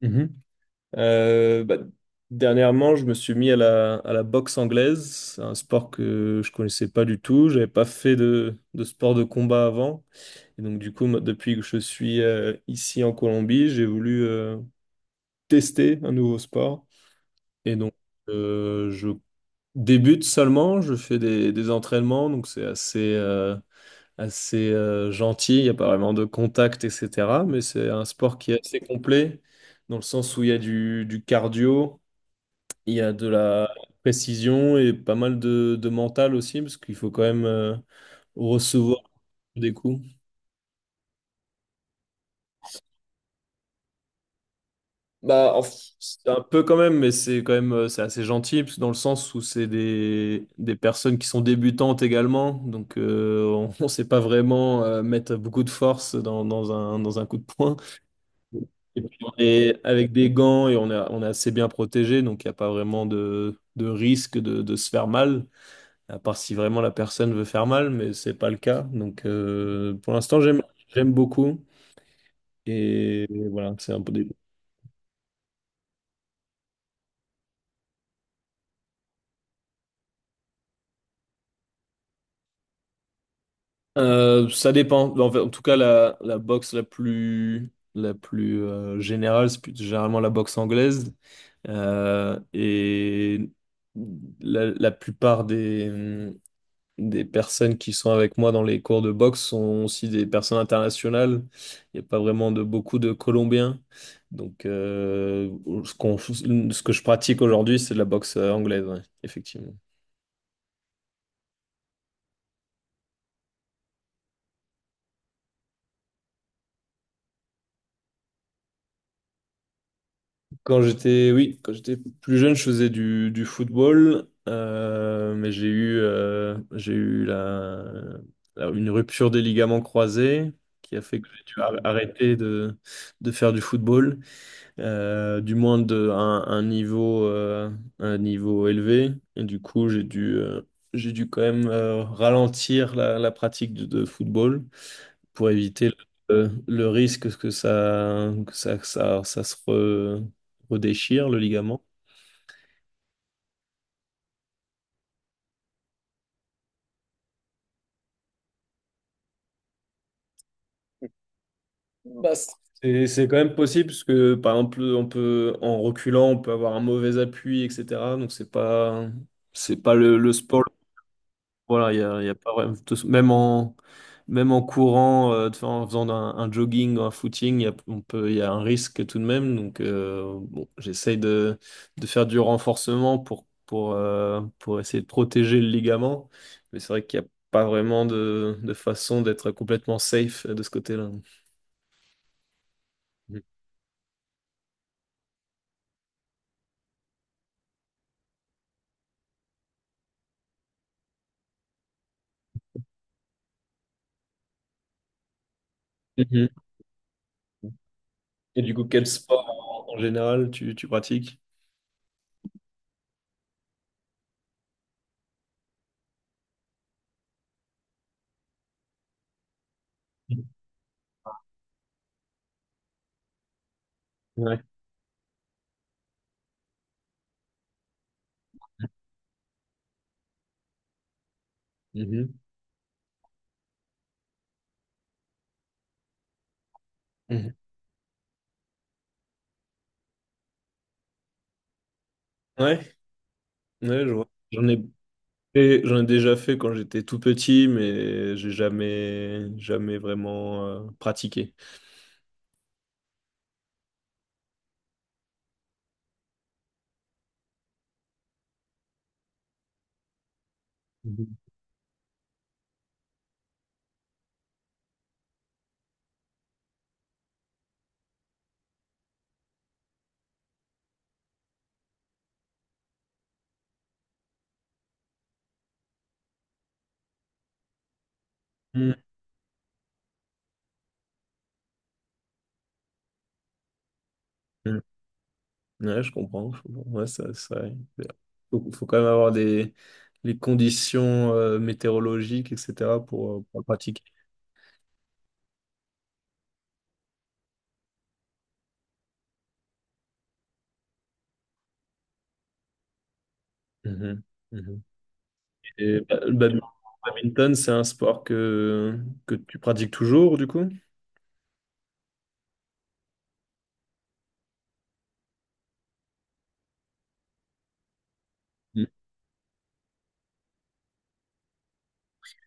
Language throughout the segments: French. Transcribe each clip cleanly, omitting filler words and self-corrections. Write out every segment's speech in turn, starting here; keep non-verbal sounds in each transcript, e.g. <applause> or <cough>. Mhm. Euh, bah, dernièrement, je me suis mis à la boxe anglaise. C'est un sport que je connaissais pas du tout. J'avais pas fait de sport de combat avant, et donc du coup, moi, depuis que je suis ici en Colombie, j'ai voulu tester un nouveau sport, et donc je débute seulement, je fais des entraînements, donc c'est assez gentil, il n'y a pas vraiment de contact, etc. Mais c'est un sport qui est assez complet, dans le sens où il y a du cardio, il y a de la précision et pas mal de mental aussi, parce qu'il faut quand même recevoir des coups. C'est un peu quand même, mais c'est quand même c'est assez gentil parce que dans le sens où c'est des personnes qui sont débutantes également, donc on <laughs> ne sait pas vraiment mettre beaucoup de force dans un coup de poing. Et puis on est avec des gants et on est assez bien protégé, donc il n'y a pas vraiment de risque de se faire mal, à part si vraiment la personne veut faire mal, mais c'est pas le cas. Donc pour l'instant, j'aime beaucoup et voilà, c'est un peu des… ça dépend. En fait, en tout cas, la boxe la plus générale, c'est généralement la boxe anglaise. Et la plupart des personnes qui sont avec moi dans les cours de boxe sont aussi des personnes internationales. Il n'y a pas vraiment de beaucoup de Colombiens. Donc, ce que je pratique aujourd'hui, c'est de la boxe anglaise, ouais, effectivement. Oui, quand j'étais plus jeune, je faisais du football, mais j'ai eu une rupture des ligaments croisés qui a fait que j'ai dû arrêter de faire du football, du moins de un niveau élevé. Et du coup, j'ai dû quand même ralentir la pratique de football pour éviter le risque que ça se redéchire, le ligament. Bah, c'est quand même possible, parce que par exemple, on peut, en reculant, on peut avoir un mauvais appui, etc. Donc c'est pas le sport. Voilà, il y a pas vraiment… de toute façon, même en courant, en faisant un jogging ou un footing, il y a un risque tout de même. Donc bon, j'essaye de faire du renforcement pour essayer de protéger le ligament, mais c'est vrai qu'il n'y a pas vraiment de façon d'être complètement safe de ce côté-là. Mhm. Mhm. Et du coup, quel sport en général tu pratiques? Ouais. Mhm. Mhm. Ouais, ouais, je vois. J'en ai. Et j'en ai déjà fait quand j'étais tout petit, mais j'ai jamais vraiment pratiqué. Mhm. Mm. Mm. Ouais, je comprends. Je comprends. Ouais, faut quand même avoir des, les conditions météorologiques, etc., pour le pratiquer. Mhm. Mhm. Et le badminton, c'est un sport que tu pratiques toujours, du coup?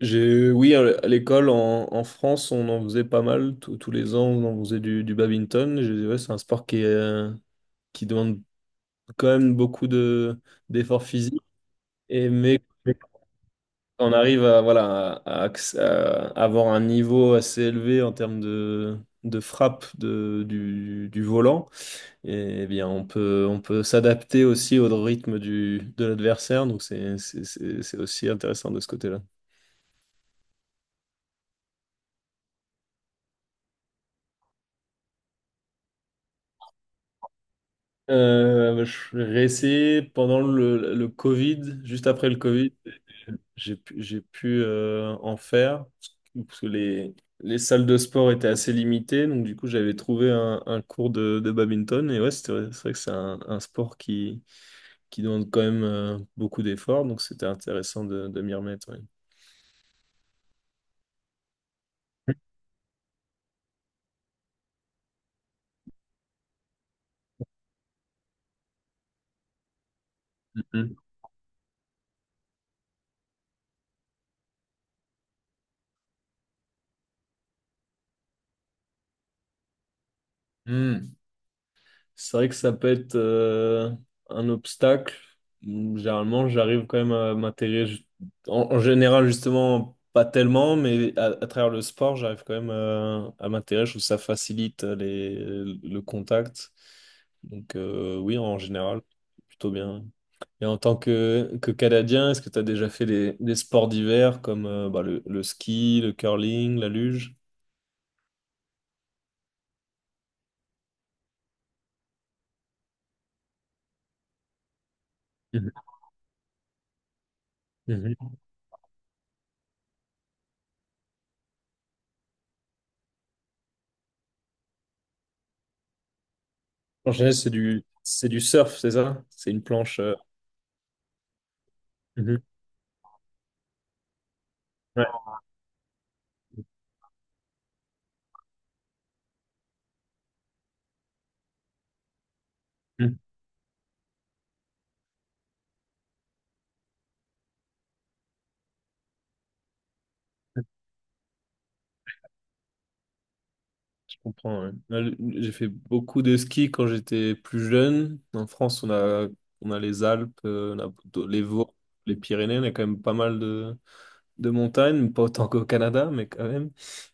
J'ai, oui, à l'école en France, on en faisait pas mal. Tous les ans, on en faisait du badminton. Ouais, c'est un sport qui est qui demande quand même beaucoup d'efforts physiques. Et, mais quand on arrive à, voilà, à avoir un niveau assez élevé en termes de frappe du du volant, eh bien, on peut s'adapter aussi au rythme de l'adversaire. Donc, c'est aussi intéressant de ce côté-là. Je réessayais pendant le Covid, juste après le Covid, j'ai pu en faire parce que les salles de sport étaient assez limitées. Donc, du coup, j'avais trouvé un cours de badminton. Et ouais, c'est vrai que c'est un sport qui demande quand même beaucoup d'efforts. Donc, c'était intéressant de m'y remettre. Ouais. Mhm. C'est vrai que ça peut être un obstacle. Généralement, j'arrive quand même à m'intéresser. En général, justement, pas tellement, mais à travers le sport, j'arrive quand même à m'intéresser. Je trouve que ça facilite le contact. Donc, oui, en général, plutôt bien. Et en tant que Canadien, est-ce que tu as déjà fait des sports d'hiver comme le ski, le curling, la luge? Mhm. Mhm. En général, c'est c'est du surf, c'est ça? C'est une planche, euh… Ouais. Mm. Je comprends. Ouais. J'ai fait beaucoup de ski quand j'étais plus jeune. En France, on a les Alpes, on a plutôt les Vosges, les Pyrénées, on a quand même pas mal de montagnes, pas autant qu'au Canada, mais quand même.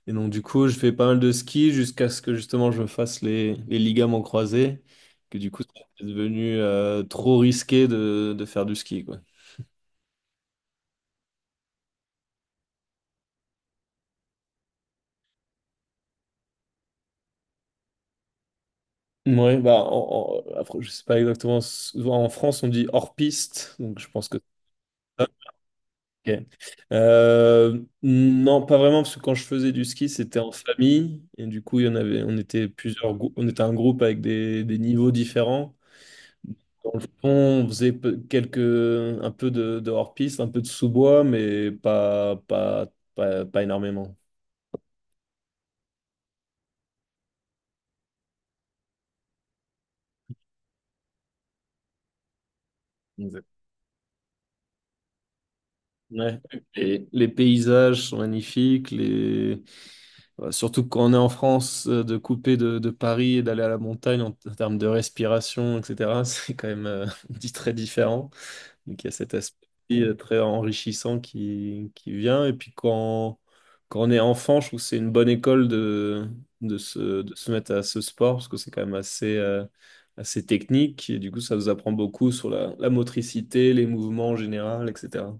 Et donc, du coup, je fais pas mal de ski jusqu'à ce que justement je fasse les ligaments croisés, que du coup, c'est devenu trop risqué de faire du ski, quoi. Ouais, bah, après, je sais pas exactement. Souvent, en France, on dit hors piste, donc je pense que… Ok. Non, pas vraiment, parce que quand je faisais du ski, c'était en famille, et du coup, il y en avait, on était plusieurs, on était un groupe avec des niveaux différents. Dans le fond, on faisait un peu de hors-piste, un peu de sous-bois, mais pas énormément. Ouais. Et les paysages sont magnifiques, les… surtout quand on est en France, de couper de Paris et d'aller à la montagne en termes de respiration, etc., <laughs> c'est quand même <laughs> dit très différent. Donc il y a cet aspect très enrichissant qui vient. Et quand on est enfant, je trouve que c'est une bonne école de se mettre à ce sport, parce que c'est assez technique. Et du coup, ça nous apprend beaucoup sur la motricité, les mouvements en général, etc.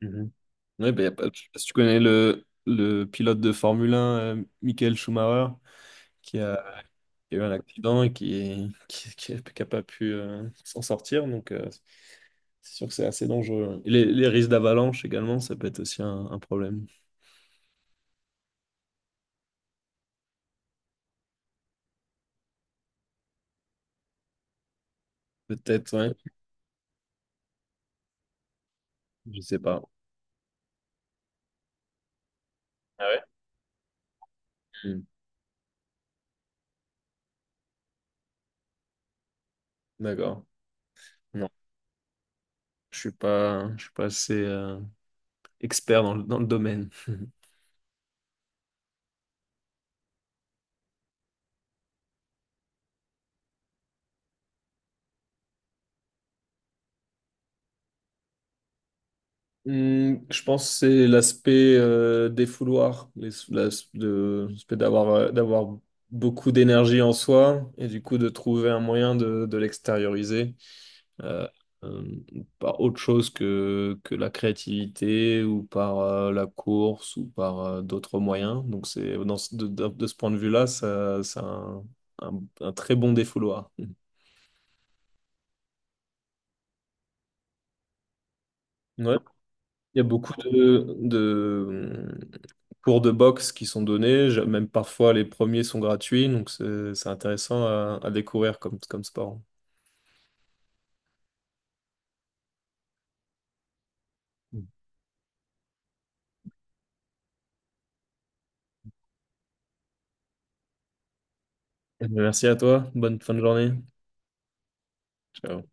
Mhm. Ouais, ben, y a pas- je sais pas si tu connais le pilote de Formule 1, Michael Schumacher, qui a, qui a eu un accident et qui a pas pu s'en sortir. Donc, c'est sûr que c'est assez dangereux. Et les risques d'avalanche également, ça peut être aussi un problème. Peut-être, ouais. Je sais pas. Ah ouais? Hmm. D'accord. Non, je suis pas assez expert dans le domaine. <laughs> Hmm, je pense que c'est l'aspect défouloir, les- l'as- de- l'aspect d'avoir d'avoir beaucoup d'énergie en soi et du coup de trouver un moyen de l'extérioriser, euh, euh, par autre chose que la créativité ou par la course ou par d'autres moyens. Donc c'est dans ce- de ce point de vue-là, ça, c'est un très bon défouloir. Ouais, il y a beaucoup de cours de boxe qui sont donnés. Même parfois les premiers sont gratuits, donc c'est intéressant à découvrir comme, comme sport. Mm. Merci à toi, bonne fin de journée. Ciao.